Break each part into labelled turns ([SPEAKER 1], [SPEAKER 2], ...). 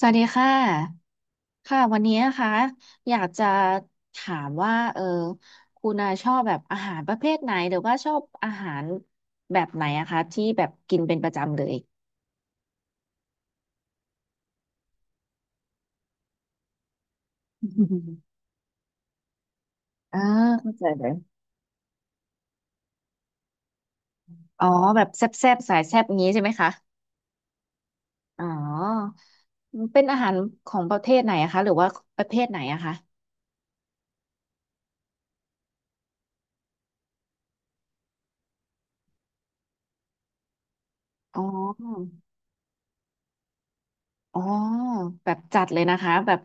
[SPEAKER 1] สวัสดีค่ะค่ะวันนี้นะคะอยากจะถามว่าคุณอาชอบแบบอาหารประเภทไหนหรือว่าชอบอาหารแบบไหนอะคะที่แบบกินเป็นประจำเลย อ่าเข้าใจเลยอ๋อแบบแซ่บๆสายแซ่บงี้ใช่ไหมคะ อ๋อเป็นอาหารของประเทศไหนอะคะหรือว่าประเภทไหนอะคะอ๋อ อ๋อแบบจัดเลยนะคะแบบ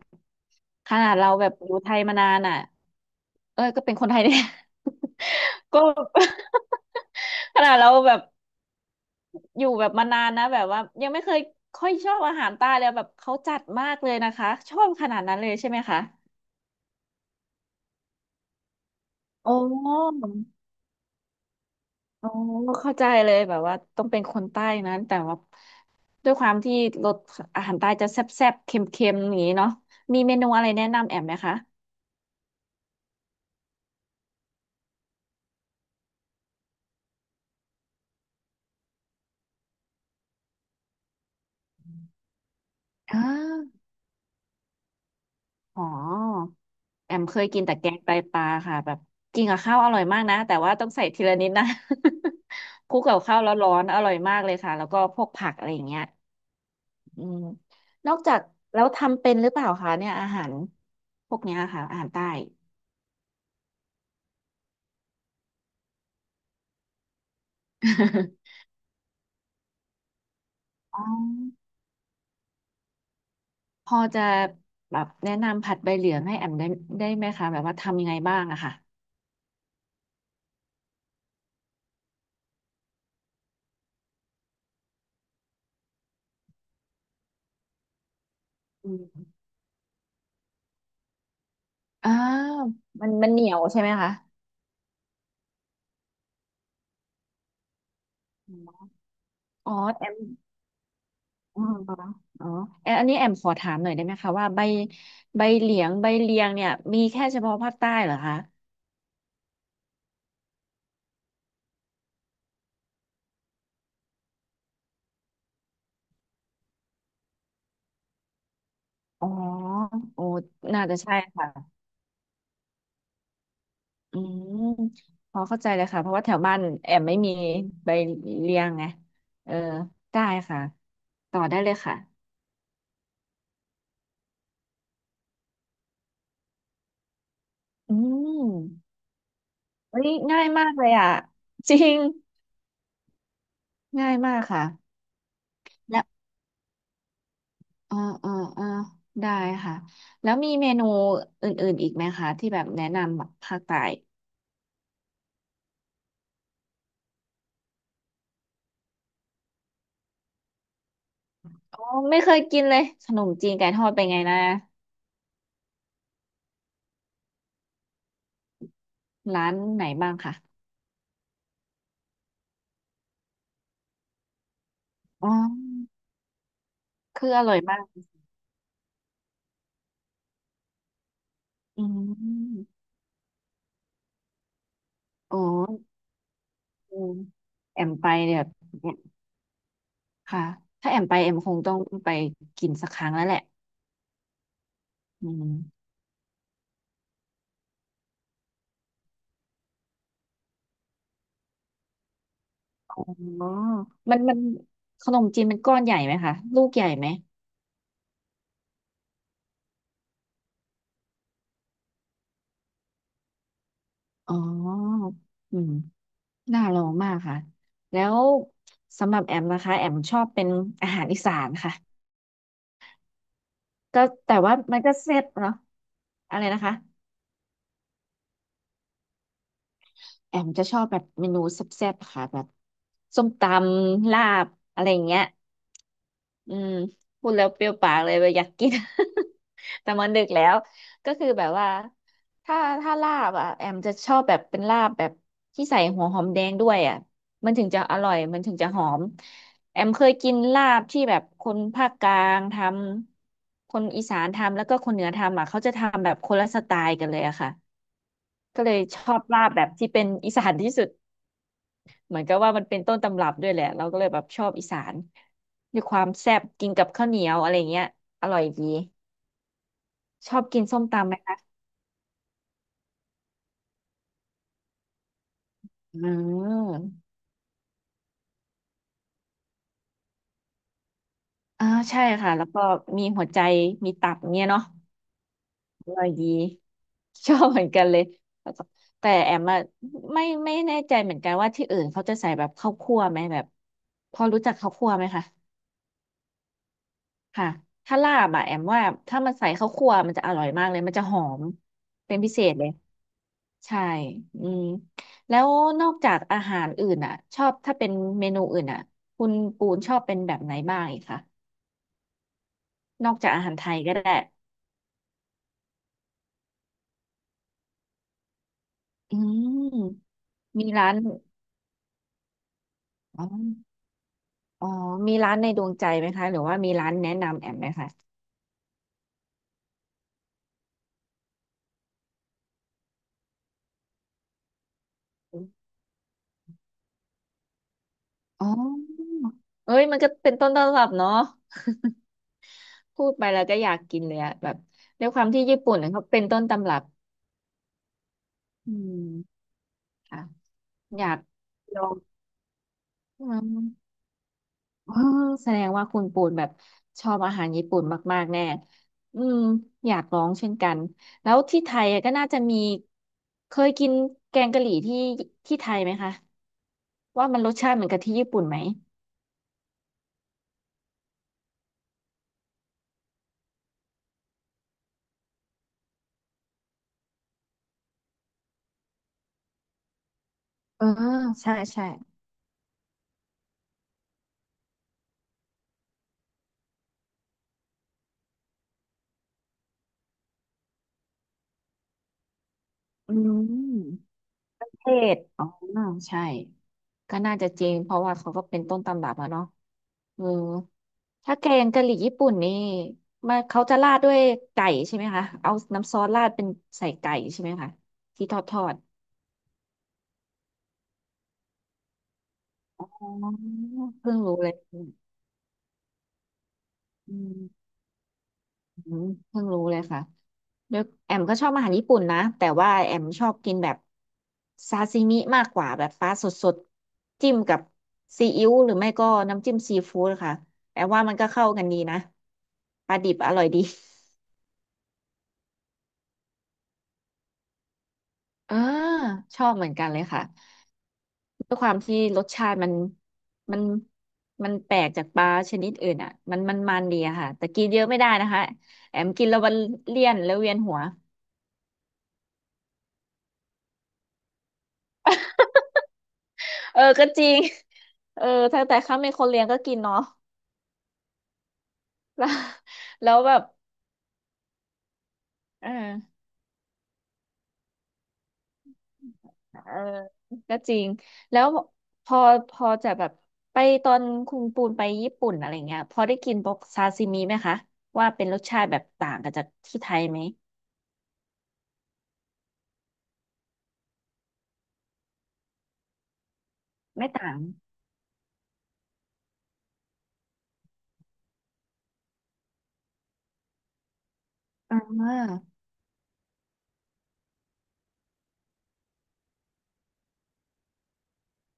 [SPEAKER 1] ขนาดเราแบบอยู่ไทยมานานอ่ะเอ้ยก็เป็นคนไทยเนี่ย ก็ ขนาดเราแบบอยู่แบบมานานนะแบบว่ายังไม่เคยค่อยชอบอาหารใต้เลยแบบเขาจัดมากเลยนะคะชอบขนาดนั้นเลยใช่ไหมคะโอ้โอ้เข้าใจเลยแบบว่าต้องเป็นคนใต้นั้นแต่ว่าด้วยความที่รสอาหารใต้จะแซ่บๆเค็มๆอย่างนี้เนาะมีเมนูอะไรแนะนำแอมไหมคะอ่า อ๋อแอมเคยกินแต่แกงไตปลาค่ะแบบกินกับข้าวอร่อยมากนะแต่ว่าต้องใส่ทีละนิดนะ คลุกกับข้าวร้อนๆอร่อยมากเลยค่ะแล้วก็พวกผักอะไรอย่างเงี้ยอืมนอกจากแล้วทำเป็นหรือเปล่าคะเนี่ยอาหารพวกเนี้ยค่ะอาหารใต้ อ๋อ พอจะแบบแนะนำผัดใบเหลืองให้แอมได้ได้ไหมคะแบบว่าทำยังไงบ้างอะค่ะอืมอ้าวมันมันเหนียวใช่ไหมคะอ๋อแอม อ๋ออ๋อแอนอันนี้แอมขอถามหน่อยได้ไหมคะว่าใบใบเหลียงใบเลียงเนี่ยมีแค่เฉพาะภาคใต้เหรอคะอ๋อโอ้น่าจะใช่ค่ะอืมพอเข้าใจเลยค่ะเพราะว่าแถวบ้านแอมไม่มีใบเลียงไง เออ ได้ค่ะ ต่อได้เลยค่ะอืมเฮ้ยง่ายมากเลยอ่ะจริงง่ายมากค่ะแล้วเออเออเออได้ค่ะ แล้วมีเมนูอื่นๆอีกไหมคะที่แบบแนะนำแบบภาคใต้ อ๋อไม่เคยกินเลยขนมจีนไก่ทอดเป็นไงนะร้านไหนบ้างค่ะอ๋อคืออร่อยมากอืมอ๋ออืมแอมไปเนี่ยค่ะถ้าแอมไปแอมคงต้องไปกินสักครั้งแล้วแหละอืมอ๋อมันมันขนมจีนมันก้อนใหญ่ไหมคะลูกใหญ่ไหมอ๋ออืมน่าลองมากค่ะแล้วสำหรับแอมนะคะแอมชอบเป็นอาหารอีสานค่ะก็แต่ว่ามันก็เซ็ตเนาะอะไรนะคะ แอมจะชอบแบบเมนูแซ่บๆค่ะแบบส้มตำลาบอะไรอย่างเงี้ยอืมพูดแล้วเปรี้ยวปากเลยว่าอยากกิน แต่มันดึกแล้วก็คือแบบว่าถ้าถ้าลาบอ่ะแอมจะชอบแบบเป็นลาบแบบที่ใส่หัวหอมแดงด้วยอ่ะมันถึงจะอร่อยมันถึงจะหอมแอมเคยกินลาบที่แบบคนภาคกลางทำคนอีสานทำแล้วก็คนเหนือทำอ่ะเขาจะทำแบบคนละสไตล์กันเลยอะค่ะก็เลยชอบลาบแบบที่เป็นอีสานที่สุด เหมือนกับว่ามันเป็นต้นตำรับด้วยแหละเราก็เลยแบบชอบอีสานด้วีความแซ่บกินกับข้าวเหนียวอะไรเงี้ยอร่อยดีชอบกินส้มตำไหมคะอืมอ่าใช่ค่ะแล้วก็มีหัวใจมีตับเงี้ยเนาะอร่อยดีชอบเหมือนกันเลยแล้วก็แต่แอมอะไม่แน่ใจเหมือนกันว่าที่อื่นเขาจะใส่แบบข้าวคั่วไหมแบบพอรู้จักข้าวคั่วไหมคะค่ะถ้าลาบอะแอมว่าถ้ามันใส่ข้าวคั่วมันจะอร่อยมากเลยมันจะหอมเป็นพิเศษเลย ใช่ อืมแล้วนอกจากอาหารอื่นอ่ะชอบถ้าเป็นเมนูอื่นอ่ะคุณปูนชอบเป็นแบบไหนบ้างอีกคะนอกจากอาหารไทยก็ได้ อืมมีร้านอ๋ออ๋อมีร้านในดวงใจไหมคะ หรือว่ามีร้านแนะนำแอมไหมคะอ๋อเอ้ยมันก็เป็นต้นตำรับเนาะพูดไปแล้วก็อยากกินเลยอะแบบด้วยความที่ญี่ปุ่นเนี่ยเขาเป็นต้นตำรับอืมค่ะอยากลองอืม อ๋อแสดงว่าคุณปูนแบบชอบอาหารญี่ปุ่นมากๆแน่อืมอยากลองเช่นกัน แล้วที่ไทยอะก็น่าจะมีเคยกินแกงกะหรี่ที่ที่ไทยไหมคะ ว่ามันรสชาติเหมือนกับที่ญี่ปุ่นไหมเออใช่ใช่อืมเทศอ๋อใช่ ก็น่าจะจริงเพราะว่าเขาก็เป็นต้นตำรับอะเนาะ เออถ้าแกงกะหรี่ญี่ปุ่นนี่มาเขาจะราดด้วยไก่ใช่ไหมคะเอาน้ำซอสราดเป็นใส่ไก่ใช่ไหมคะที่ทอดทอดอ๋อเพิ่งรู้เลยอืมอืมเพิ่งรู้เลยค่ะแล้วแอมก็ชอบอาหารญี่ปุ่นนะแต่ว่าแอมชอบกินแบบซาซิมิมากกว่าแบบปลาสดๆจิ้มกับซีอิ๊วหรือไม่ก็น้ำจิ้มซีฟู้ดค่ะแอมว่ามันก็เข้ากันดีนะปลาดิบอร่อยดี เออชอบเหมือนกันเลยค่ะ ด้วยความที่รสชาติมันมันแปลกจากปลาชนิดอื่นอ่ะมันดีอะค่ะแต่กินเยอะไม่ได้นะคะแอมกินแล้วมันเลี่ยนแล้วเวียนหัวเออก็จริงเออถ้าแต่ข้าเป็นคนเลี้ยงก็กินเนาะ แล้วแล้วแบบเออเออก็จริงแล้วพอพอจะแบบไปตอนคุณปูนไปญี่ปุ่นอะไรเงี้ยพอได้กินพวกซาซิมิไหมคะว่าเป็นรสชาติแบบต่างกับจากที่ไทยไหมไม่ต่างอ่า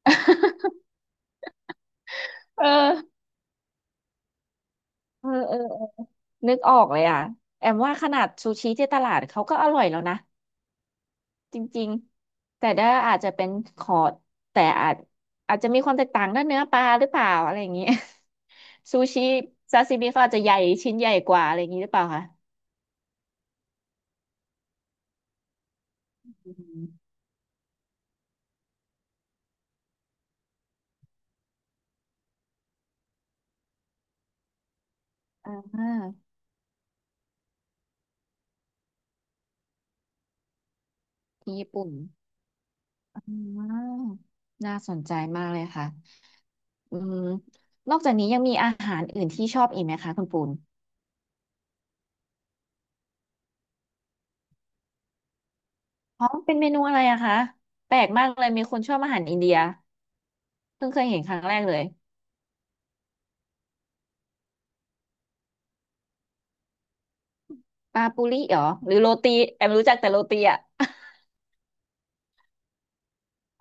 [SPEAKER 1] เออ เออเออเออนึกออกเลยอ่ะแอมว่าขนาดซูชิที่ตลาดเขาก็อร่อยแล้วนะจริงๆแต่ด้าอาจจะเป็นคอร์สแต่อาจจะมีความแตกต่างด้านเนื้อปลาหรือเปล่าอะไรอย่างเงี้ย ซูชิซาซิมิเขาอาจจะใหญ่ชิ้นใหญ่กว่าอะไรอย่างงี้หรือเปล่าคะอืมอ่าที่ญี่ปุ่นอ่าน่าสนใจมากเลยค่ะอืมนอกจากนี้ยังมีอาหารอื่นที่ชอบอีกไหมคะคุณปูนอ๋อเป็นเมนูอะไรอะคะแปลกมากเลยมีคนชอบอาหารอินเดีย เพิ่งเคยเห็นครั้งแรกเลยปาปูริเหรอหรือโรตีแอมรู้จักแต่โรตีอ่ะ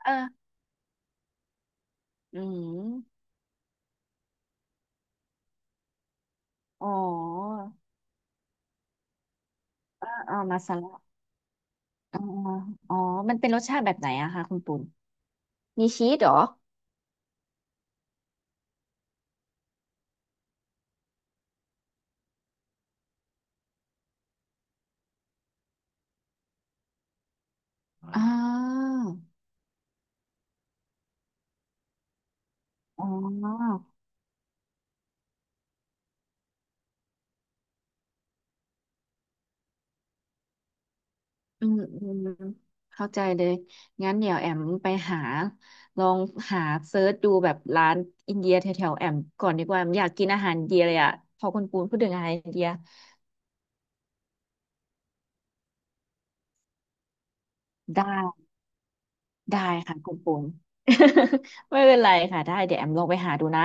[SPEAKER 1] เอออืมอ๋ออ่าอ่ามาซาระอ่าออ๋อมันเป็นรสชาติแบบไหนอะคะคุณปุ่นมีชีสเหรออ่าอ๋ออืมอืมเข้าใจเลยงั้นเดี๋ยวแอมไปหาลองหาเซิร์ชดูแบบร้านอินเดียแถวๆแอมก่อนดีกว่าแอมอยากกินอาหารอินเดียเลยอะพอคุณปูนพูดถึงอาหารอินเดียได้ ได้ค่ะคุณปุ่น ไม่เป็นไรค่ะได้เดี๋ยวแอมลองไปหาดูนะ